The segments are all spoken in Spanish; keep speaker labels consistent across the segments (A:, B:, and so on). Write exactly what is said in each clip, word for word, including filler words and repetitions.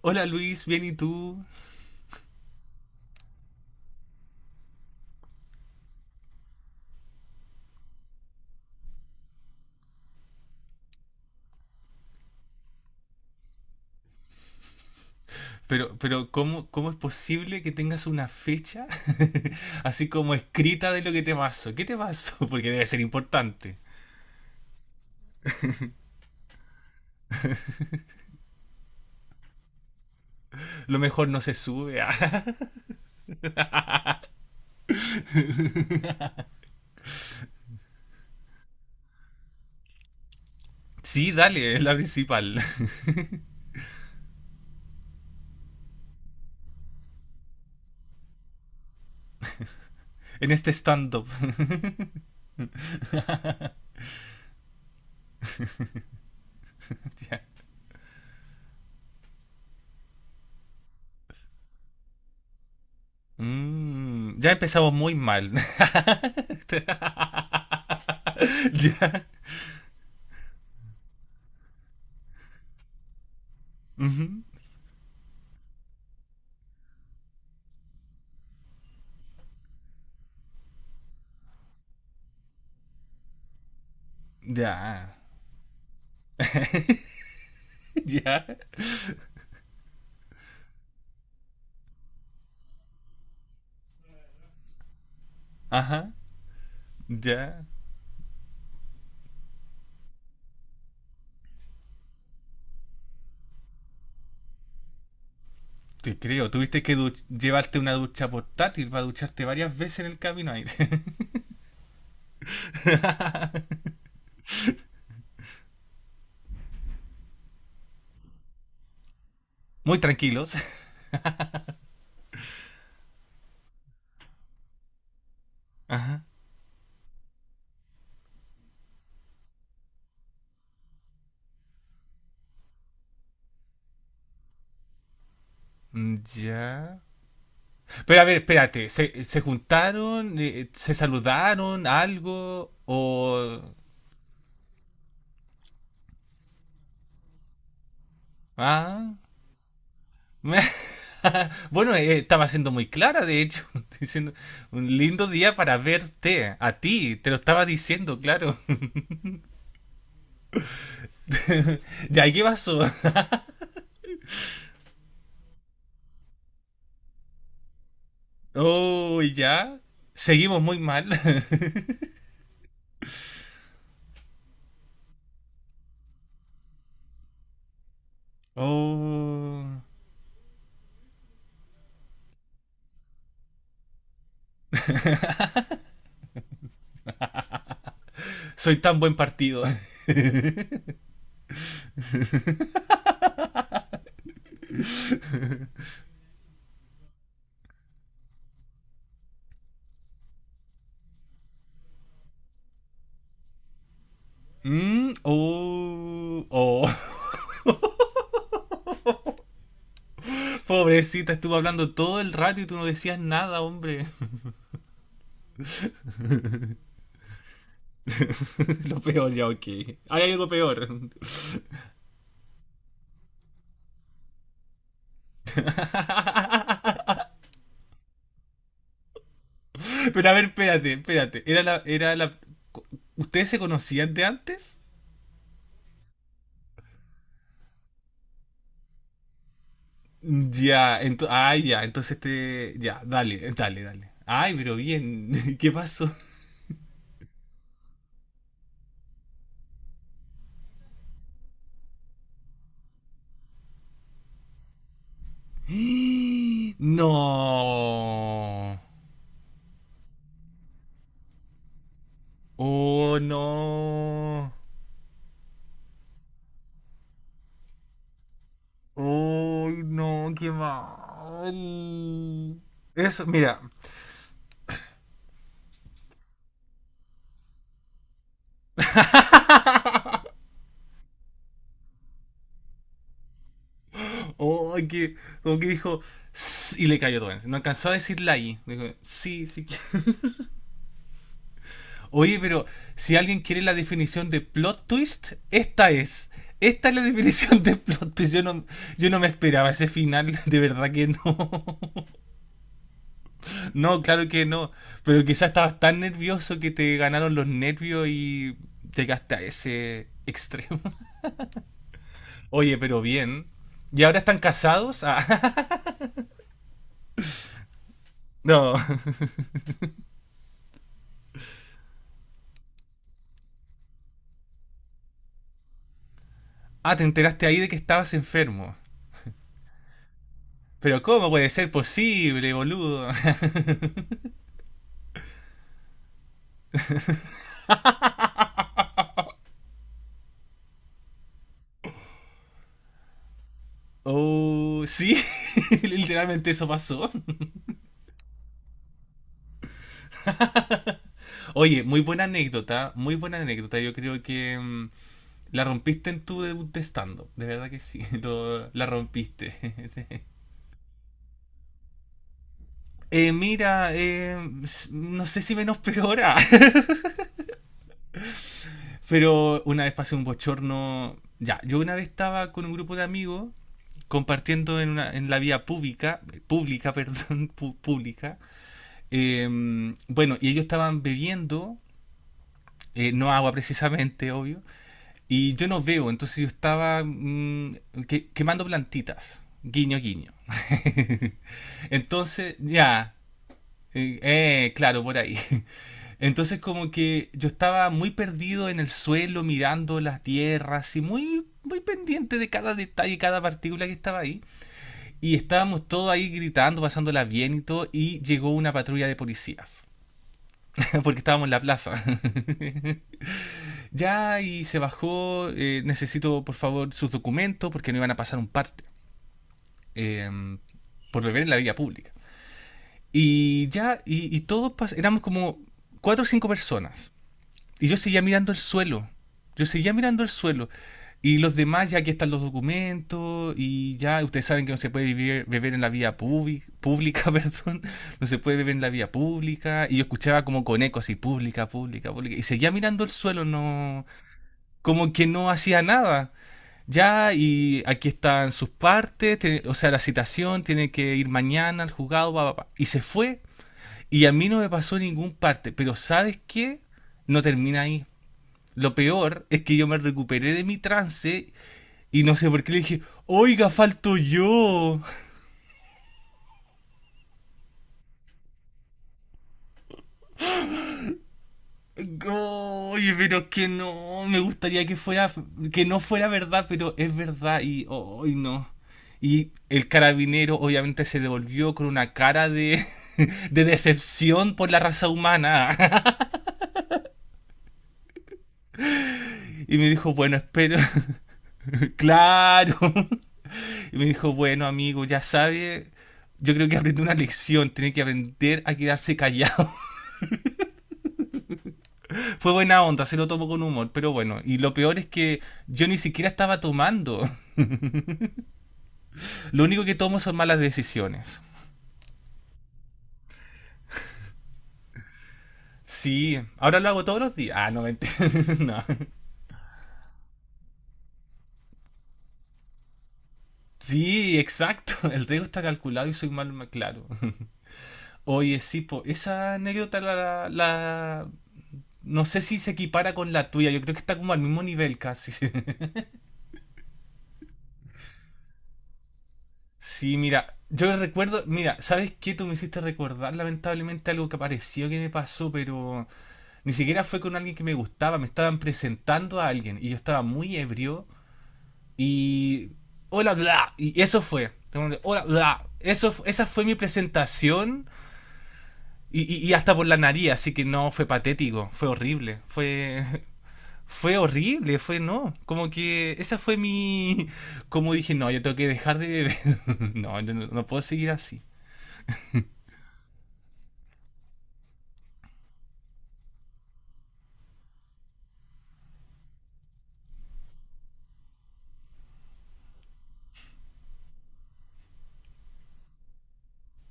A: Hola Luis, bien, ¿y tú? Pero, pero ¿cómo, cómo es posible que tengas una fecha así como escrita de lo que te pasó? ¿Qué te pasó? Porque debe ser importante. Lo mejor no se sube. Ah. Sí, dale, es la principal. En este stand-up. Ya. Mm, ya empezamos muy mal. Ya. Ujú. Ya. Ya. Ajá. Ya. Te creo, tuviste que duch- llevarte una ducha portátil para ducharte varias veces en el camino ahí. Muy tranquilos. Ajá. Mm, ya. Pero a ver, espérate, ¿se, se juntaron? Eh, ¿Se saludaron? ¿Algo? ¿O? Ah. Bueno, eh, estaba siendo muy clara, de hecho, diciendo un lindo día para verte, a ti, te lo estaba diciendo, claro. Ya, ¿y qué pasó? Oh, ya. Seguimos muy mal. Oh, soy tan buen partido. Mm, oh, oh. Pobrecita, estuvo hablando todo el rato y tú no decías nada, hombre. Lo peor ya, ok. Hay algo peor. Pero a ver, espérate, espérate. Era la, era la... ¿Ustedes se conocían de antes? Ya, entonces. Ah, ya, entonces, este. Ya, dale, dale, dale. Ay, pero bien. ¿Qué pasó? No. Oh, no. Oh, no, qué mal. Eso, mira. Oh, que, como que dijo, "S-", y le cayó todo. No alcanzó a decir la I. Dijo, sí, sí. Oye, pero si alguien quiere la definición de plot twist, esta es. Esta es la definición de plot twist. Yo no, yo no me esperaba ese final, de verdad que no. No, claro que no. Pero quizás estabas tan nervioso que te ganaron los nervios y llegaste a ese extremo. Oye, pero bien. ¿Y ahora están casados? Ah, no. Ah, te enteraste ahí de que estabas enfermo. Pero ¿cómo puede ser posible, boludo? Oh, sí, literalmente eso pasó. Oye, muy buena anécdota, muy buena anécdota. Yo creo que mm, la rompiste en tu debut de stand-up. De verdad que sí, lo- la rompiste. Eh, mira, eh, s- no sé si menos peora, pero una vez pasé un bochorno. Ya, yo una vez estaba con un grupo de amigos compartiendo en, una, en la vía pública, pública, perdón, pu- pública. Eh, bueno, y ellos estaban bebiendo, eh, no agua precisamente, obvio, y yo no veo, entonces yo estaba mm, que- quemando plantitas, guiño, guiño. Entonces, ya, eh, eh, claro, por ahí. Entonces como que yo estaba muy perdido en el suelo, mirando las tierras y muy, muy pendiente de cada detalle, cada partícula que estaba ahí. Y estábamos todos ahí gritando, pasándola bien y todo, y llegó una patrulla de policías. Porque estábamos en la plaza. Ya, y se bajó. eh, necesito, por favor, sus documentos porque no iban a pasar un parte. eh, por beber en la vía pública. Y ya, y, y todos éramos como cuatro o cinco personas. Y yo seguía mirando el suelo. Yo seguía mirando el suelo. Y los demás, ya aquí están los documentos, y ya ustedes saben que no se puede vivir, beber en la vía púbi- pública, perdón, no se puede beber en la vía pública, y yo escuchaba como con eco así, pública, pública, pública, y seguía mirando el suelo, no, como que no hacía nada. Ya, y aquí están sus partes, te- o sea, la citación, tiene que ir mañana al juzgado, pa, pa, pa. Y se fue, y a mí no me pasó ningún parte, pero ¿sabes qué? No termina ahí. Lo peor es que yo me recuperé de mi trance y no sé por qué le dije, oiga, falto yo. Oye, pero es que no, me gustaría que fuera, que no fuera verdad, pero es verdad y hoy no. Y el carabinero obviamente se devolvió con una cara de, de decepción por la raza humana. Y me dijo, bueno, espero. Claro. Y me dijo, bueno, amigo, ya sabe, yo creo que aprendí una lección, tiene que aprender a quedarse callado. Fue buena onda, se lo tomó con humor, pero bueno. Y lo peor es que yo ni siquiera estaba tomando. Lo único que tomo son malas decisiones. Sí, ahora lo hago todos los días. Ah, no, mentira. No. Sí, exacto. El riesgo está calculado y soy mal, mal- claro. Oye, sí, po, esa anécdota, la, la- no sé si se equipara con la tuya. Yo creo que está como al mismo nivel casi. Sí, mira, yo recuerdo, mira, ¿sabes qué? Tú me hiciste recordar lamentablemente algo que apareció que me pasó, pero ni siquiera fue con alguien que me gustaba, me estaban presentando a alguien y yo estaba muy ebrio y. Hola, bla. Y eso fue. Hola, bla. Eso, esa fue mi presentación y, y- y hasta por la nariz, así que no, fue patético, fue horrible, fue. Fue horrible, fue no. Como que esa fue mi. Como dije, no, yo tengo que dejar de beber. No, yo no, no puedo seguir así.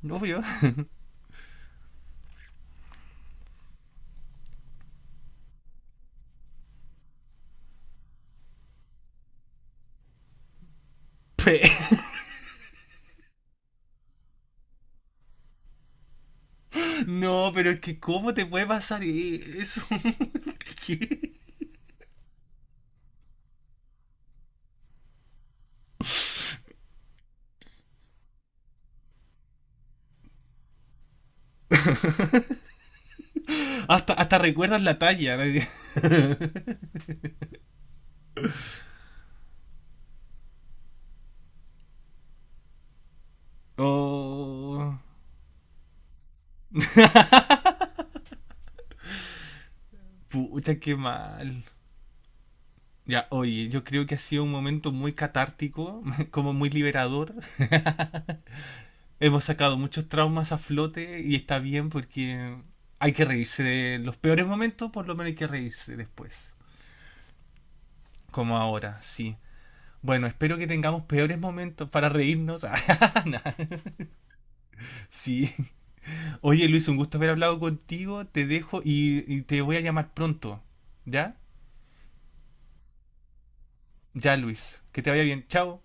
A: Obvio. Yo. No, pero es que ¿cómo te puede pasar e- eso? ¿Qué? Hasta, hasta recuerdas la talla, ¿no? Oh, pucha, qué mal. Ya, oye, yo creo que ha sido un momento muy catártico, como muy liberador. Hemos sacado muchos traumas a flote y está bien porque hay que reírse de los peores momentos, por lo menos hay que reírse después. Como ahora, sí. Bueno, espero que tengamos peores momentos para reírnos. Nah, sí. Oye, Luis, un gusto haber hablado contigo. Te dejo y, y te voy a llamar pronto. ¿Ya? Ya, Luis, que te vaya bien. Chao.